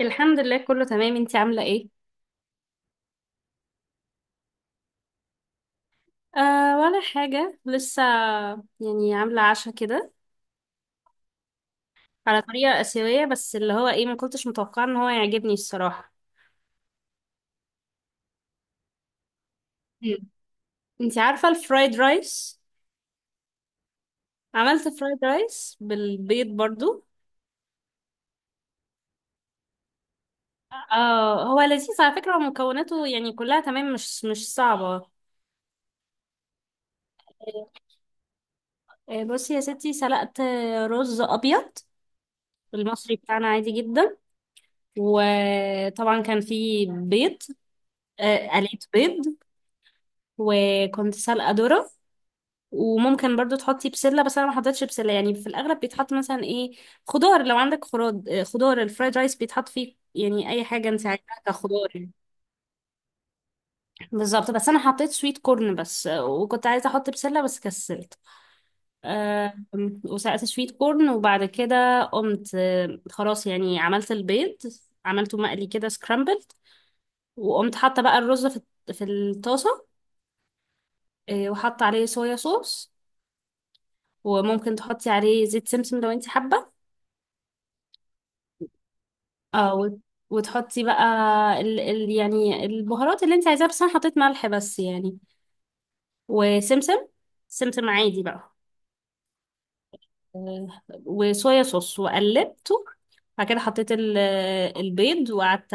الحمد لله، كله تمام. انتي عاملة ايه؟ آه، ولا حاجة لسه. يعني عاملة عشاء كده على طريقة آسيوية، بس اللي هو ايه، ما كنتش متوقعة ان هو يعجبني الصراحة. مم. انتي عارفة الفرايد رايس؟ عملت فرايد رايس بالبيض برضو. اه، هو لذيذ على فكرة، ومكوناته يعني كلها تمام، مش صعبة. بصي يا ستي، سلقت رز أبيض، المصري بتاعنا، عادي جدا. وطبعا كان فيه بيض. قليت بيض، وكنت سلقة ذرة. وممكن برضو تحطي بسلة، بس انا ما حطيتش بسلة. يعني في الاغلب بيتحط مثلا ايه، خضار. لو عندك خراد خضار، الفرايد رايس بيتحط فيه يعني اي حاجة انت عايزاها كخضار يعني. بالظبط. بس انا حطيت سويت كورن بس، وكنت عايزة احط بسلة بس كسلت. أه. وسلقت سويت كورن، وبعد كده قمت، خلاص، يعني عملت البيض. عملته مقلي كده، سكرامبل. وقمت حاطة بقى الرز في الطاسة. وحاطة عليه صويا صوص. وممكن تحطي عليه زيت سمسم لو انت حابة. اه. وتحطي بقى ال يعني البهارات اللي انت عايزاها، بس انا حطيت ملح بس يعني، وسمسم. سمسم عادي بقى. آه، وصويا صوص، وقلبته. بعد كده حطيت البيض، وقعدت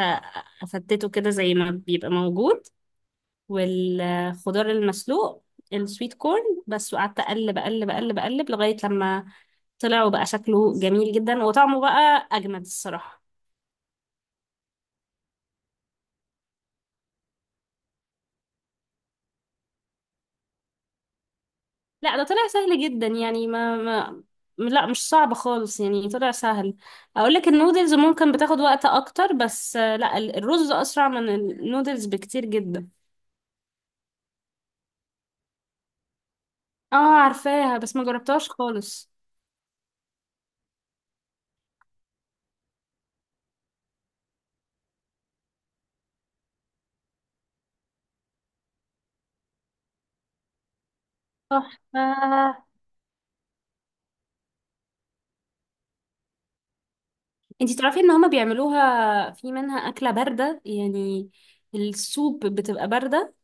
افتته كده زي ما بيبقى موجود. والخضار المسلوق، السويت كورن بس. وقعدت اقلب اقلب اقلب اقلب لغاية لما طلع، وبقى شكله جميل جدا، وطعمه بقى اجمد الصراحة. لا، ده طلع سهل جدا. يعني ما لا، مش صعب خالص، يعني طلع سهل. اقول لك، النودلز ممكن بتاخد وقت اكتر، بس لا، الرز اسرع من النودلز بكتير جدا. اه، عارفاها بس ما جربتهاش خالص. تحفة. انتي تعرفي ان هما بيعملوها في منها اكلة باردة يعني، السوب بتبقى باردة.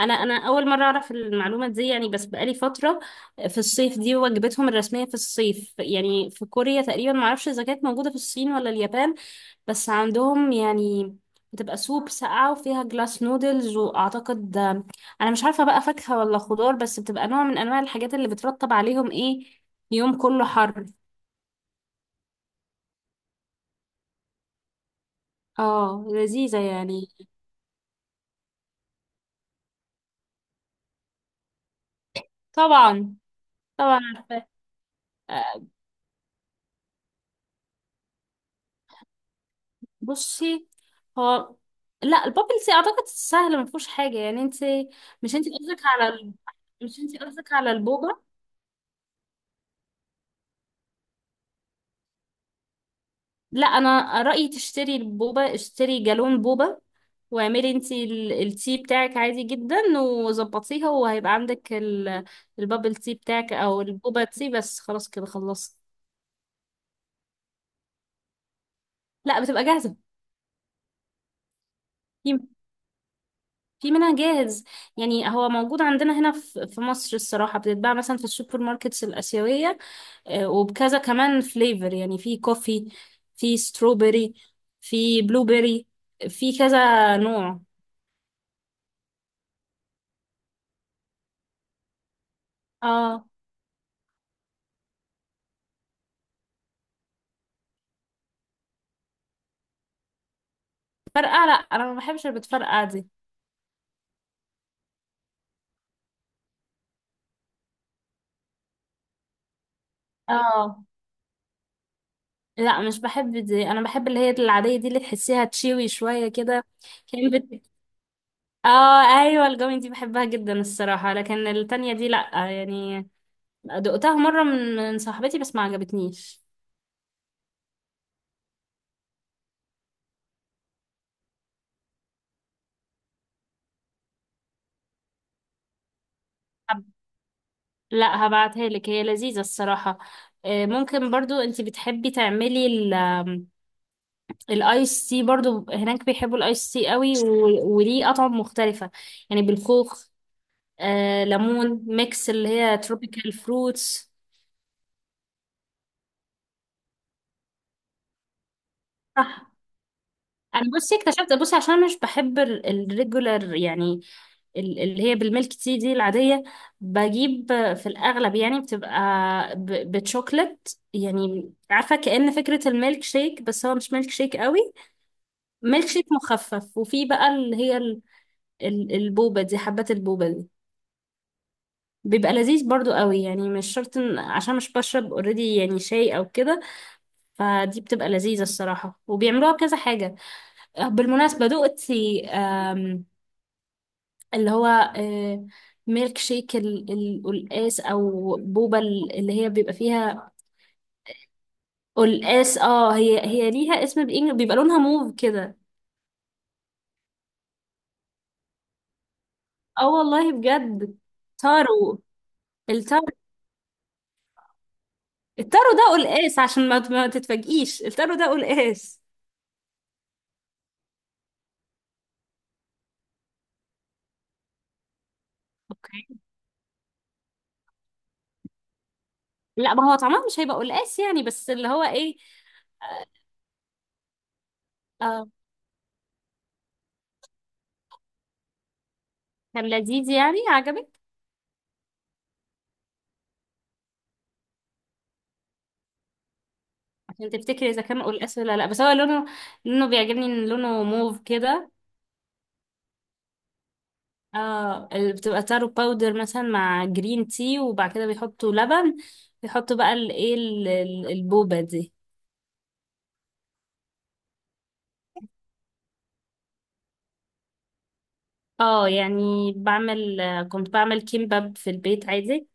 انا اول مره اعرف المعلومه دي يعني، بس بقالي فتره. في الصيف دي وجبتهم الرسميه في الصيف، يعني في كوريا تقريبا. ما اعرفش اذا كانت موجوده في الصين ولا اليابان، بس عندهم يعني. بتبقى سوب ساقعه وفيها جلاس نودلز، واعتقد انا مش عارفه بقى فاكهه ولا خضار، بس بتبقى نوع من انواع الحاجات اللي بترطب عليهم ايه، يوم كله حر. اه، لذيذه يعني. طبعا. طبعا عارفه. بصي، هو، لا، البابلز اعتقد سهل ما فيهوش حاجه يعني انت. مش انت قصدك على ال... مش انت قصدك على البوبا؟ لا، انا رايي تشتري البوبا، اشتري جالون بوبا واعملي انت التي بتاعك عادي جدا وظبطيها، وهيبقى عندك البابل تي بتاعك او البوبا تي، بس خلاص كده خلصت. لا، بتبقى جاهزه. في منها جاهز. يعني هو موجود عندنا هنا في مصر الصراحه، بتتباع مثلا في السوبر ماركتس الاسيويه. وبكذا كمان فليفر، يعني في كوفي، في ستروبري، في بلوبري، في كذا نوع. اه، فرقعة. لا، انا ما بحبش اللي بتفرقع دي. اه، لا، مش بحب دي. انا بحب اللي هي العادية دي، اللي تحسيها تشيوي شوية كده. كان بت... اه، ايوه، الجوين دي بحبها جدا الصراحة، لكن التانية دي لا يعني. دقتها مرة من صاحبتي، بس ما عجبتنيش. لا، هبعتها لك، هي لذيذة الصراحة. ممكن برضو انت بتحبي تعملي ال- آم، الايس تي برضو، هناك بيحبوا الايس تي قوي، وليه اطعم مختلفة، يعني بالخوخ، ليمون ميكس، اللي هي تروبيكال فروتس. صح. انا بصي اكتشفت، بصي عشان أنا مش بحب الريجولر يعني، اللي هي بالميلك تي دي العادية، بجيب في الأغلب يعني، بتبقى بتشوكلت، يعني عارفة كأن فكرة الميلك شيك، بس هو مش ميلك شيك قوي، ميلك شيك مخفف. وفي بقى اللي هي البوبة دي، حبات البوبة دي، بيبقى لذيذ برضو قوي، يعني مش شرط عشان مش بشرب اوريدي يعني شاي او كده، فدي بتبقى لذيذة الصراحة، وبيعملوها بكذا حاجة. بالمناسبة، دقتي اللي هو ميلك شيك القلقاس، او بوبة اللي هي بيبقى فيها قلقاس؟ اه، هي ليها اسم بإنجلش، بيبقى لونها موف كده. اه والله بجد. تارو. التارو. التارو ده قلقاس، عشان ما تتفاجئيش، التارو ده قلقاس. اوكي. لا، ما هو طعمها مش هيبقى قلقاس يعني، بس اللي هو ايه. آه. آه، كان لذيذ يعني، عجبك عشان تفتكري اذا كان قلقاس ولا لا. بس هو لونه، لونه بيعجبني، ان لونه موف كده. اه، بتبقى تارو باودر مثلا مع جرين تي، وبعد كده بيحطوا لبن، بيحطوا بقى الايه البوبة دي. اه، يعني بعمل، كنت بعمل كيمباب في البيت عادي.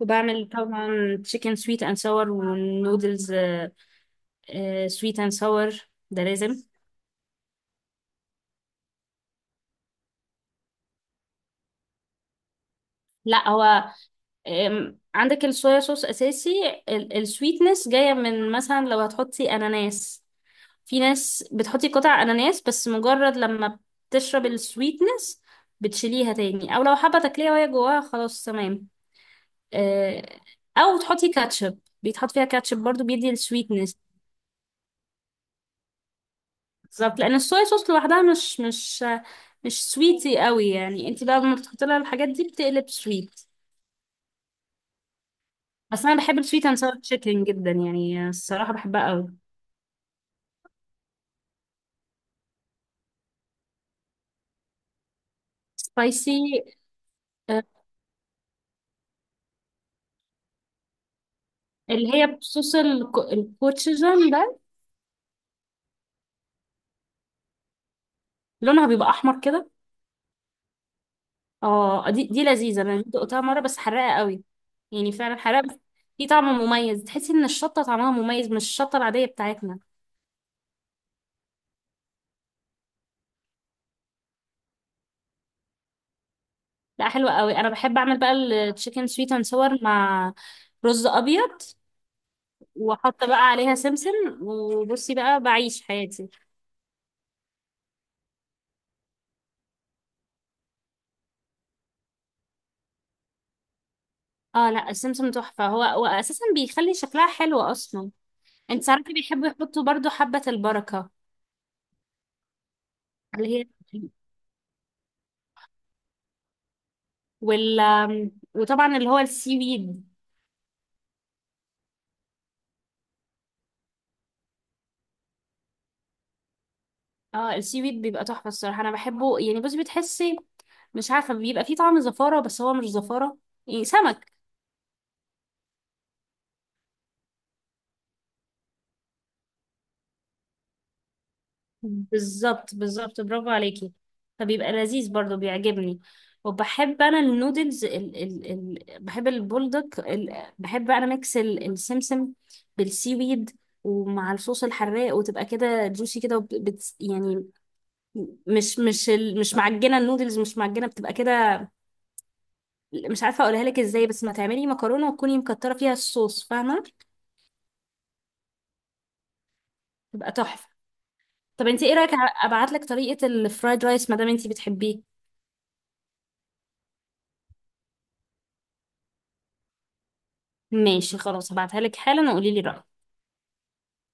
وبعمل طبعا تشيكن سويت اند ساور والنودلز. سويت اند ساور ده لازم. لا، هو عندك الصويا صوص اساسي، السويتنس جايه من مثلا لو هتحطي اناناس، في ناس بتحطي قطع اناناس، بس مجرد لما بتشرب السويتنس بتشيليها تاني، او لو حابه تاكليها وهي جواها خلاص تمام. آه، او تحطي كاتشب، بيتحط فيها كاتشب برضو بيدي السويتنس. بالظبط. لان الصويا صوص لوحدها مش مش سويتي قوي، يعني انت بقى لما بتحطي لها الحاجات دي بتقلب سويت. بس انا بحب السويت اند ساور تشيكن جدا يعني الصراحه، بحبها قوي. سبايسي. آه، اللي هي بصوص الكوتشيجن ده، لونها بيبقى احمر كده. اه، دي لذيذه، انا دقتها مره بس حراقه قوي، يعني فعلا حراقه بس. دي طعم مميز، تحسي ان الشطه طعمها مميز، مش الشطه العاديه بتاعتنا. لا، حلوه قوي. انا بحب اعمل بقى التشيكن سويت اند ساور مع رز ابيض، واحط بقى عليها سمسم، وبصي بقى بعيش حياتي. اه، لا، السمسم تحفة، هو واساسا بيخلي شكلها حلو اصلا. انت عارفة بيحبوا يحطوا برضو حبة البركة، اللي هي، وال وطبعا اللي هو السي ويد. اه، السي ويد بيبقى تحفة الصراحة، انا بحبه. يعني بصي بتحسي مش عارفة، بيبقى فيه طعم زفارة، بس هو مش زفارة يعني سمك. بالظبط، بالظبط، برافو عليكي. فبيبقى لذيذ برضو، بيعجبني. وبحب انا النودلز ال ال ال بحب البولدك ال بحب انا ميكس السمسم بالسي ويد، ومع الصوص الحراق، وتبقى كده جوسي كده، وب- بت يعني مش معجنه. النودلز مش معجنه، بتبقى كده مش عارفه اقولها لك ازاي، بس ما تعملي مكرونه وتكوني مكتره فيها الصوص، فاهمه؟ تبقى تحفه. طب انت ايه رايك؟ ابعت لك طريقه الفرايد رايس ما دام انت بتحبيه؟ ماشي خلاص، هبعتها لك حالا، وقولي لي رأيك.